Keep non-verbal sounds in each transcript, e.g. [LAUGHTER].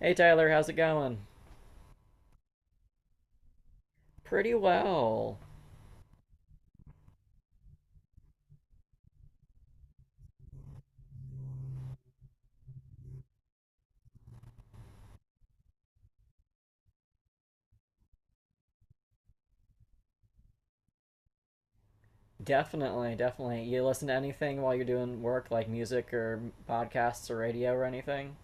Hey Tyler, how's it going? Pretty well. Definitely, definitely. You listen to anything while you're doing work, like music or podcasts or radio or anything?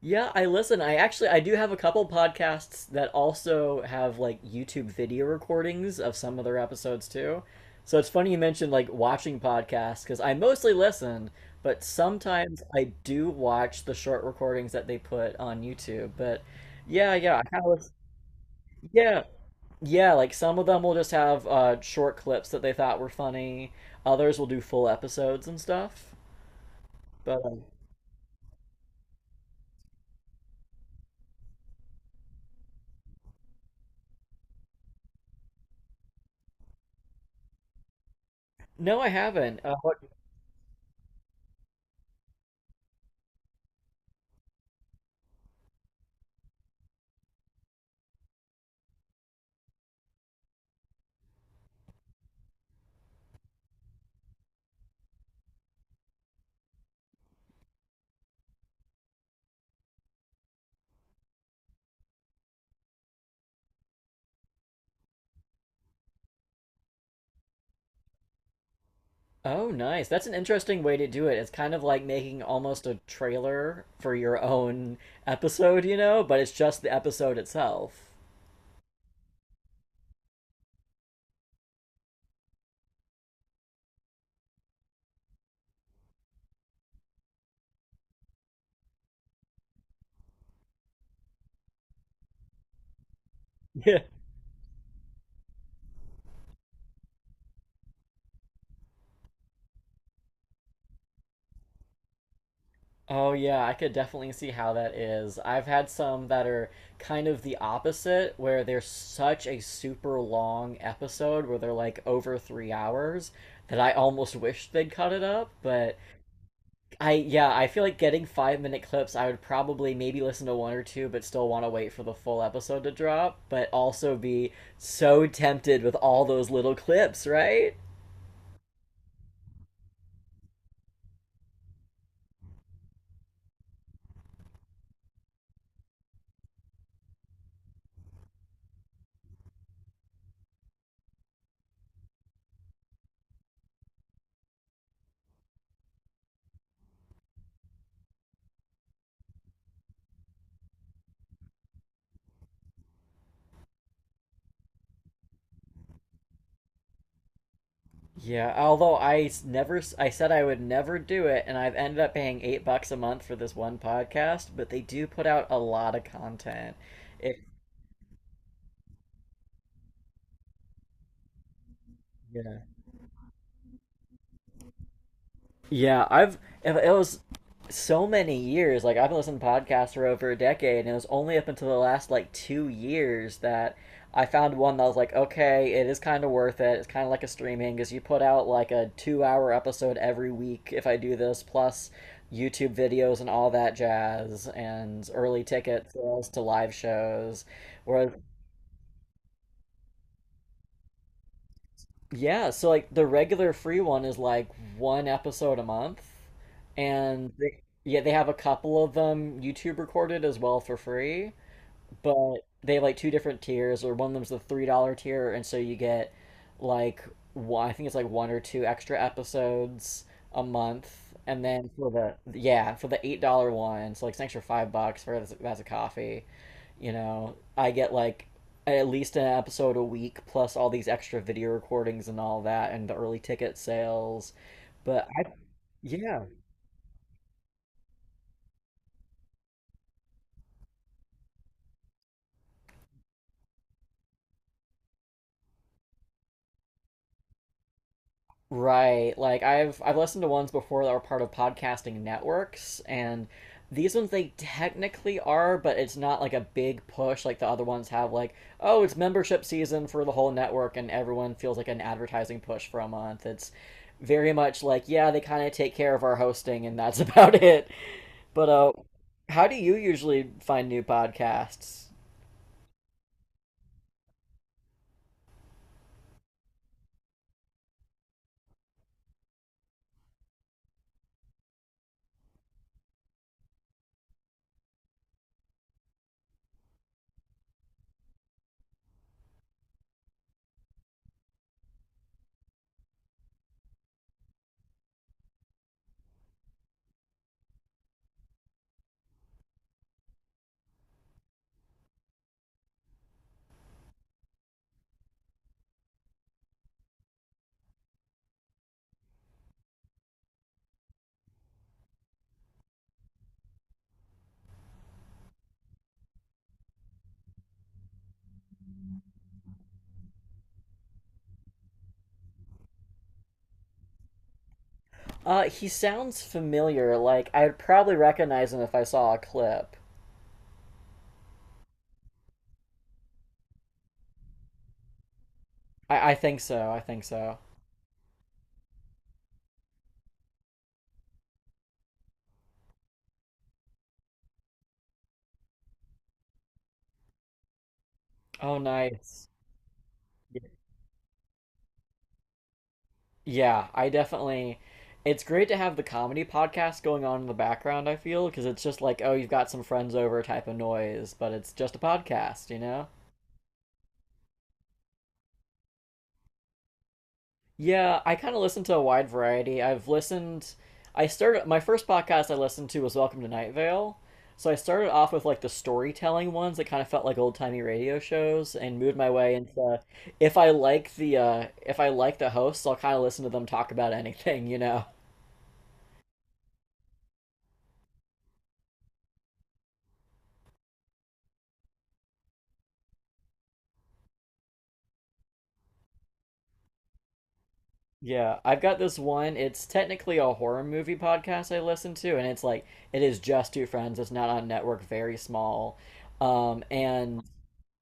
Yeah, I listen. I actually I do have a couple podcasts that also have like YouTube video recordings of some of their episodes too. So it's funny you mentioned like watching podcasts because I mostly listen, but sometimes I do watch the short recordings that they put on YouTube. But yeah, yeah, I kind of yeah. Yeah, like some of them will just have short clips that they thought were funny. Others will do full episodes and stuff. But no, I haven't. What? Oh, nice. That's an interesting way to do it. It's kind of like making almost a trailer for your own episode, you know, but it's just the episode itself. [LAUGHS] Oh yeah, I could definitely see how that is. I've had some that are kind of the opposite, where they're such a super long episode where they're like over 3 hours that I almost wish they'd cut it up. But I yeah, I feel like getting 5 minute clips, I would probably maybe listen to one or two, but still want to wait for the full episode to drop, but also be so tempted with all those little clips, right? Yeah, although I never, I said I would never do it, and I've ended up paying $8 a month for this one podcast, but they do put out a lot of content. It, yeah. Yeah, I've it was so many years. Like I've been listening to podcasts for over a decade, and it was only up until the last like 2 years that I found one that was like, okay, it is kind of worth it. It's kind of like a streaming because you put out like a two-hour episode every week if I do this, plus YouTube videos and all that jazz, and early ticket sales to live shows. Whereas yeah, so like the regular free one is like one episode a month, and yeah, they have a couple of them YouTube recorded as well for free, but they have like two different tiers, or one of them's the $3 tier, and so you get like one, I think it's like one or two extra episodes a month, and then for the yeah for the $8 one, so like it's an extra $5 for that's a coffee. You know, I get like at least an episode a week, plus all these extra video recordings and all that, and the early ticket sales. But I yeah. Right. Like I've listened to ones before that were part of podcasting networks, and these ones they technically are, but it's not like a big push like the other ones have like, oh, it's membership season for the whole network and everyone feels like an advertising push for a month. It's very much like, yeah, they kind of take care of our hosting and that's [LAUGHS] about it. But uh, how do you usually find new podcasts? Uh, he sounds familiar. Like I'd probably recognize him if I saw a clip. I think so. I think so. Oh, nice. Yeah, I definitely. It's great to have the comedy podcast going on in the background, I feel, because it's just like, oh, you've got some friends over type of noise, but it's just a podcast, you know? Yeah, I kind of listen to a wide variety. I've listened. I started. My first podcast I listened to was Welcome to Night Vale. So I started off with like the storytelling ones that kind of felt like old-timey radio shows, and moved my way into if I like the hosts, I'll kind of listen to them talk about anything, [LAUGHS] you know. Yeah, I've got this one. It's technically a horror movie podcast I listen to, and it's like it is just two friends. It's not on network, very small. And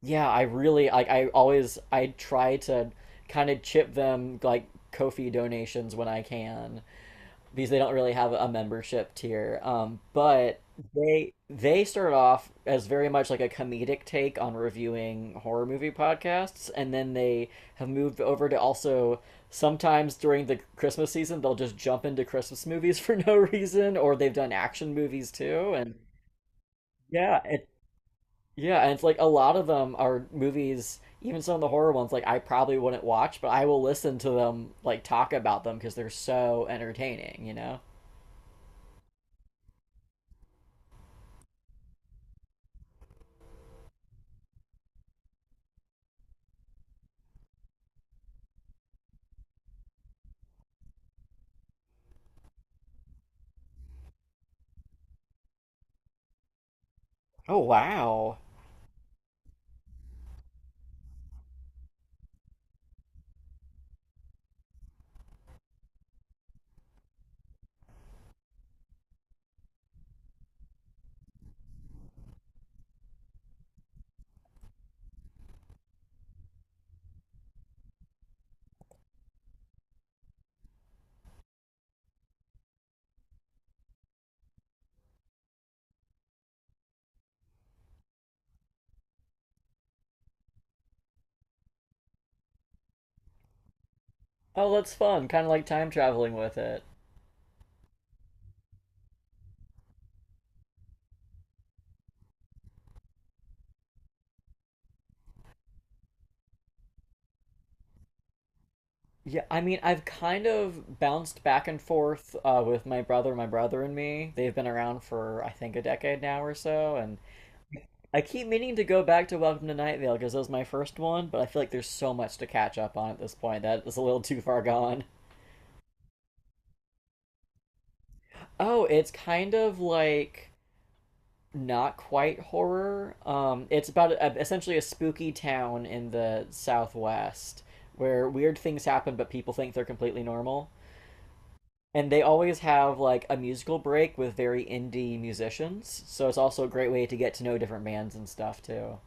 yeah, I really like. I always I try to kind of chip them like Kofi donations when I can because they don't really have a membership tier. But they start off as very much like a comedic take on reviewing horror movie podcasts, and then they have moved over to also sometimes during the Christmas season they'll just jump into Christmas movies [LAUGHS] for no reason, or they've done action movies too, and yeah, it yeah, and it's like a lot of them are movies. Even some of the horror ones, like I probably wouldn't watch, but I will listen to them like talk about them because they're so entertaining, you know. Oh wow. Oh, that's fun. Kind of like time traveling with it. Yeah, I mean, I've kind of bounced back and forth with my brother and me. They've been around for I think a decade now or so, and I keep meaning to go back to Welcome to Night Vale because that was my first one. But I feel like there's so much to catch up on at this point that it's a little too far gone. Oh, it's kind of like not quite horror. It's about a, essentially a spooky town in the southwest where weird things happen, but people think they're completely normal. And they always have like a musical break with very indie musicians, so it's also a great way to get to know different bands and stuff too.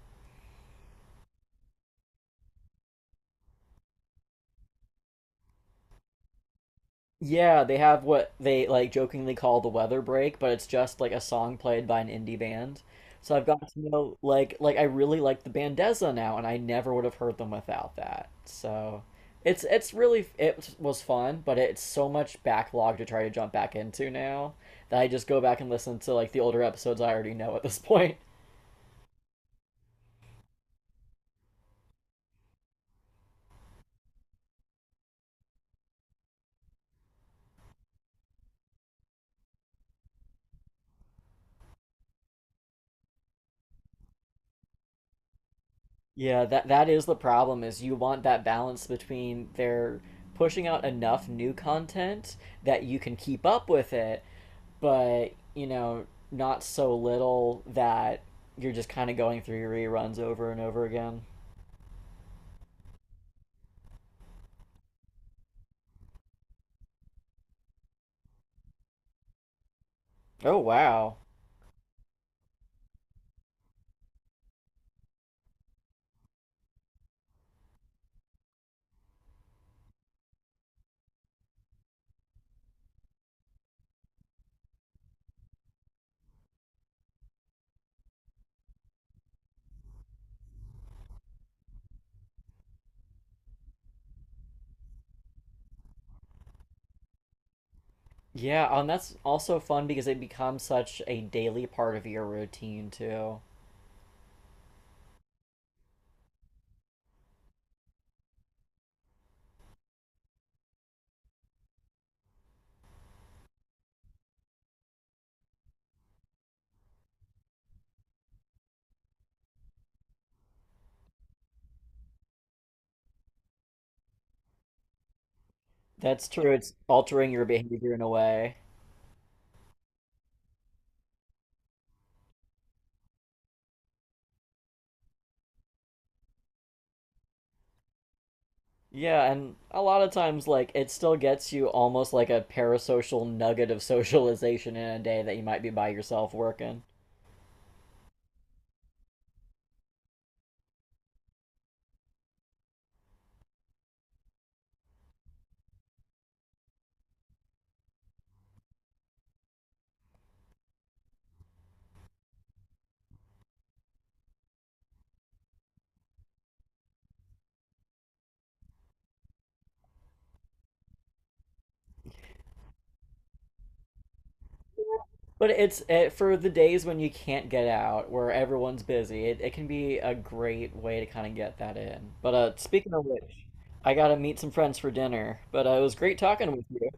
Yeah, they have what they like jokingly call the weather break, but it's just like a song played by an indie band. So I've gotten to know like I really like the band Dezza now, and I never would have heard them without that. So it's really it was fun, but it's so much backlog to try to jump back into now that I just go back and listen to like the older episodes I already know at this [LAUGHS] point. Yeah, that is the problem is you want that balance between their pushing out enough new content that you can keep up with it, but you know, not so little that you're just kind of going through your reruns over and over again. Oh wow. Yeah, and that's also fun because it becomes such a daily part of your routine too. That's true. It's altering your behavior in a way. Yeah, and a lot of times like it still gets you almost like a parasocial nugget of [LAUGHS] socialization in a day that you might be by yourself working. But it's it, for the days when you can't get out, where everyone's busy. It can be a great way to kind of get that in. But speaking of which, I gotta meet some friends for dinner. But it was great talking with you.